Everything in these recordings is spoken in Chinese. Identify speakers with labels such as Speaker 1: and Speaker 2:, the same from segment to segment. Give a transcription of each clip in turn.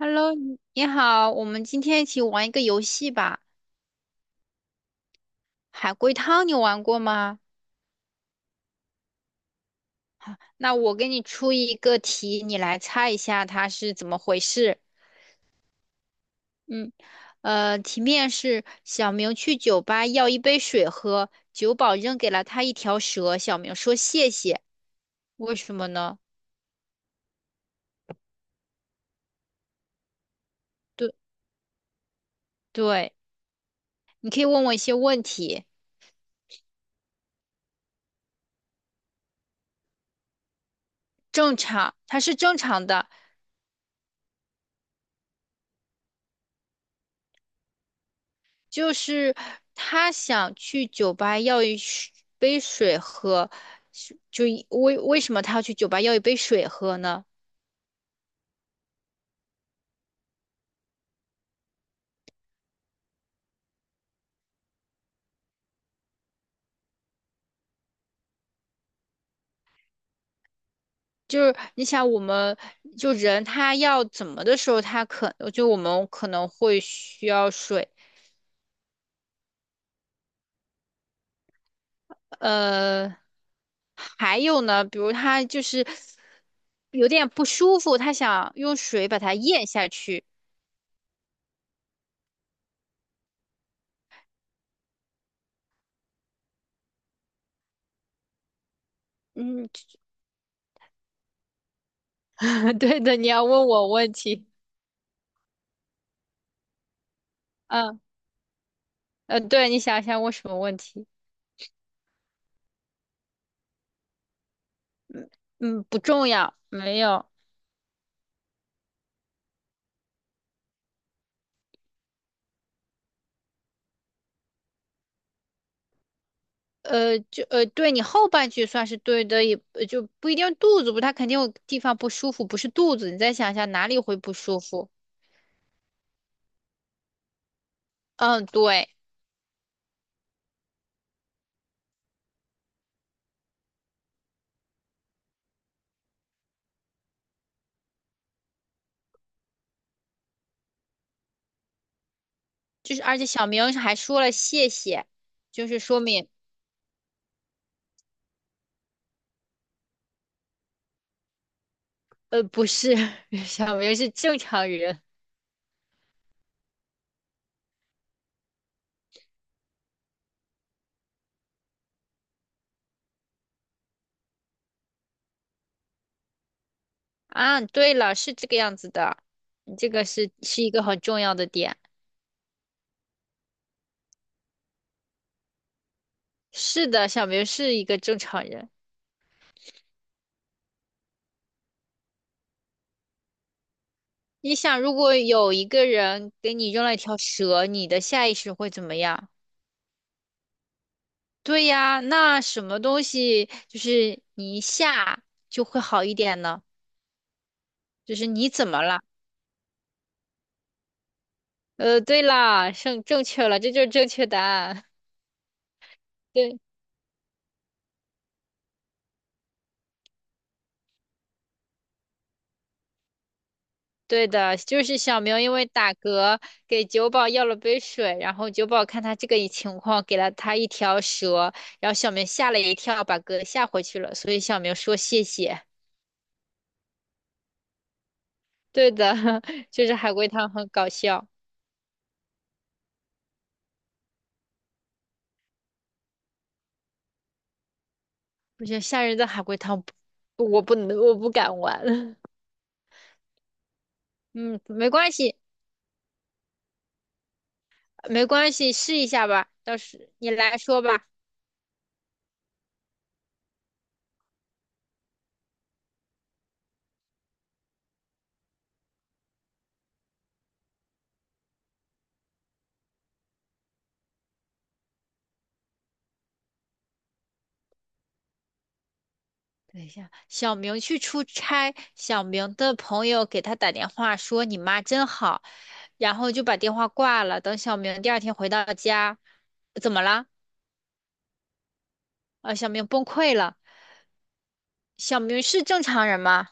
Speaker 1: Hello，你好，我们今天一起玩一个游戏吧。海龟汤你玩过吗？那我给你出一个题，你来猜一下它是怎么回事。嗯，题面是小明去酒吧要一杯水喝，酒保扔给了他一条蛇，小明说谢谢。为什么呢？对对，你可以问我一些问题，正常，它是正常的。就是他想去酒吧要杯水喝，是就一为为什么他要去酒吧要一杯水喝呢？就是你想，我们他要怎么的时候，他可就我们可能会需要水。呃，还有呢，比如他就是有点不舒服，他想用水把它咽下去。嗯，对的，你要问我问题。嗯，对，你想想问什么问题？嗯，不重要，没有，对你后半句算是对的，就不一定肚子不，他肯定有地方不舒服，不是肚子，你再想一下哪里会不舒服？嗯，对，就是而且小明还说了谢谢，就是说明不是 小明是正常人。啊，对了，是这个样子的，你这个是一个很重要的点，是的，小明是一个正常人。你想，如果有一个人给你扔了一条蛇，你的下意识会怎么样？对呀，那什么东西就是你一下就会好一点呢？就是你怎么了？对啦，正确了，这就是正确答案。对，对的，就是小明因为打嗝给酒保要了杯水，然后酒保看他这个情况，给了他一条蛇，然后小明吓了一跳，把嗝吓回去了，所以小明说谢谢。对的，就是海龟汤很搞笑，我觉得吓人的海龟汤不我不能，我不敢玩。嗯，没关系，没关系，试一下吧。到时你来说吧。等一下，小明去出差，小明的朋友给他打电话说你妈真好，然后就把电话挂了。等小明第二天回到家，怎么了？啊，小明崩溃了。小明是正常人吗？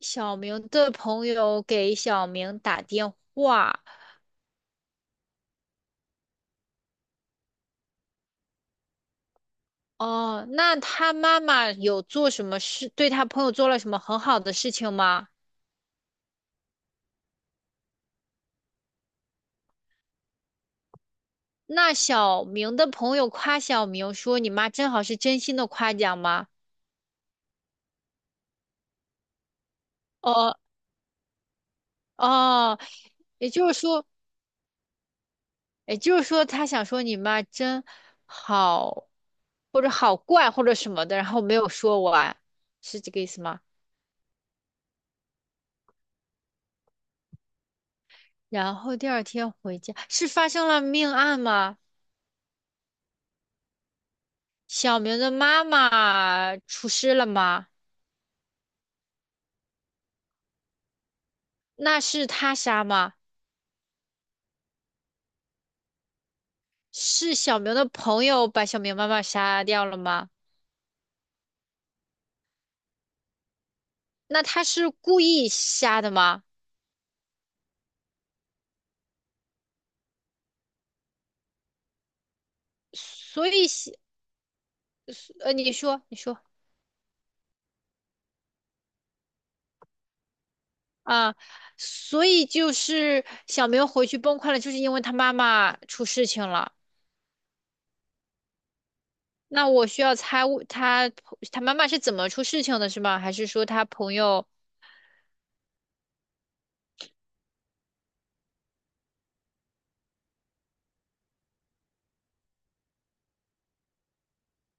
Speaker 1: 小明的朋友给小明打电话，哦，那他妈妈有做什么事，对他朋友做了什么很好的事情吗？那小明的朋友夸小明说：“你妈真好，是真心的夸奖吗？”哦，哦，也就是说，也就是说，他想说你妈真好，或者好怪，或者什么的，然后没有说完，是这个意思吗？然后第二天回家，是发生了命案吗？小明的妈妈出事了吗？那是他杀吗？是小明的朋友把小明妈妈杀掉了吗？那他是故意瞎的吗？所以写，你说，你说。啊，所以就是小明回去崩溃了，就是因为他妈妈出事情了。那我需要猜我他他妈妈是怎么出事情的，是吗？还是说他朋友？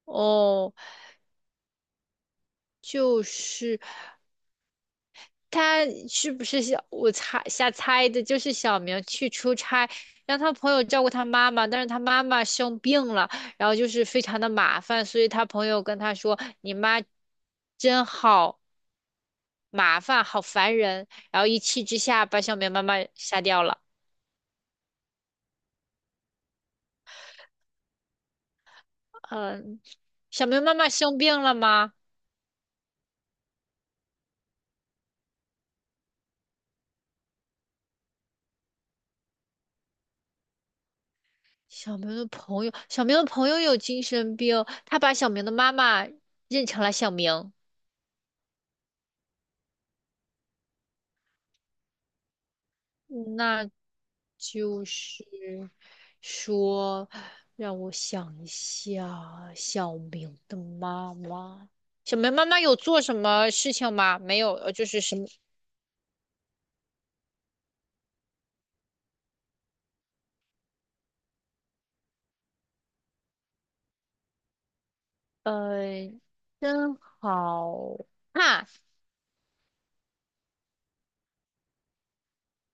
Speaker 1: 哦，就是。他是不是小？我猜瞎猜的，就是小明去出差，让他朋友照顾他妈妈，但是他妈妈生病了，然后就是非常的麻烦，所以他朋友跟他说：“你妈真好麻烦，好烦人。”然后一气之下把小明妈妈杀掉了。嗯，小明妈妈生病了吗？小明的朋友有精神病，他把小明的妈妈认成了小明。那就是说，让我想一下，小明的妈妈，小明妈妈有做什么事情吗？没有，就是什么，呃，真好啊，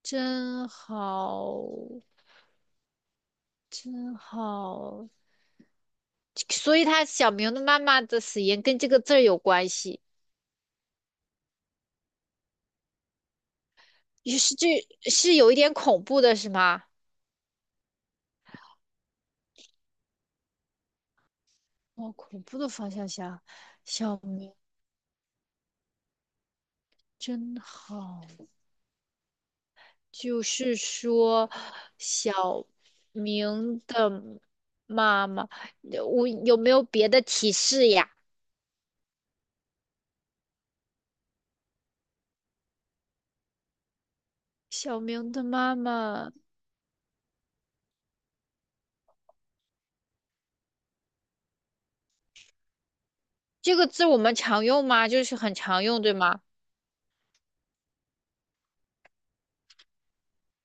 Speaker 1: 真好，真好，所以他小明的妈妈的死因跟这个字儿有关系，也是这是有一点恐怖的，是吗？往恐怖的方向想，小明真好。就是说，小明的妈妈，我有没有别的提示呀？小明的妈妈这个字我们常用吗？就是很常用，对吗？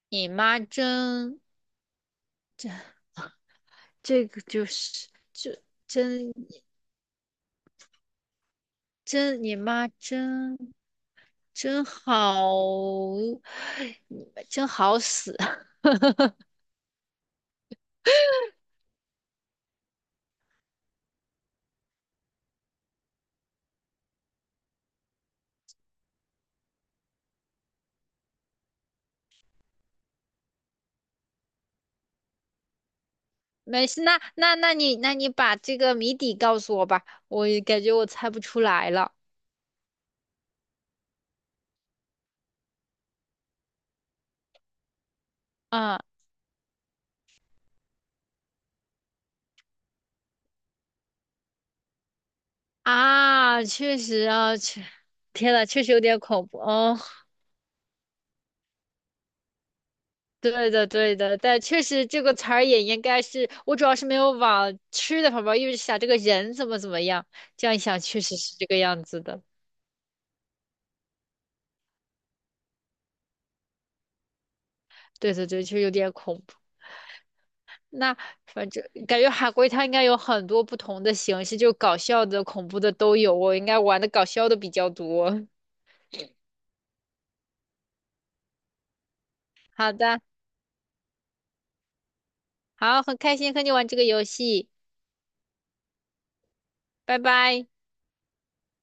Speaker 1: 你妈真，这个就是就真，真，你妈真真好，你们真好死。没事，那你把这个谜底告诉我吧，我感觉我猜不出来了。啊，啊，确实啊，确，天呐，确实有点恐怖哦。对的，对的，但确实这个词儿也应该是，我主要是没有往吃的方面，因为想这个人怎么怎么样，这样一想确实是这个样子的。对对对，实有点恐怖。那反正感觉海龟它应该有很多不同的形式，就搞笑的、恐怖的都有。我应该玩的搞笑的比较多。好的，好，很开心和你玩这个游戏，拜拜。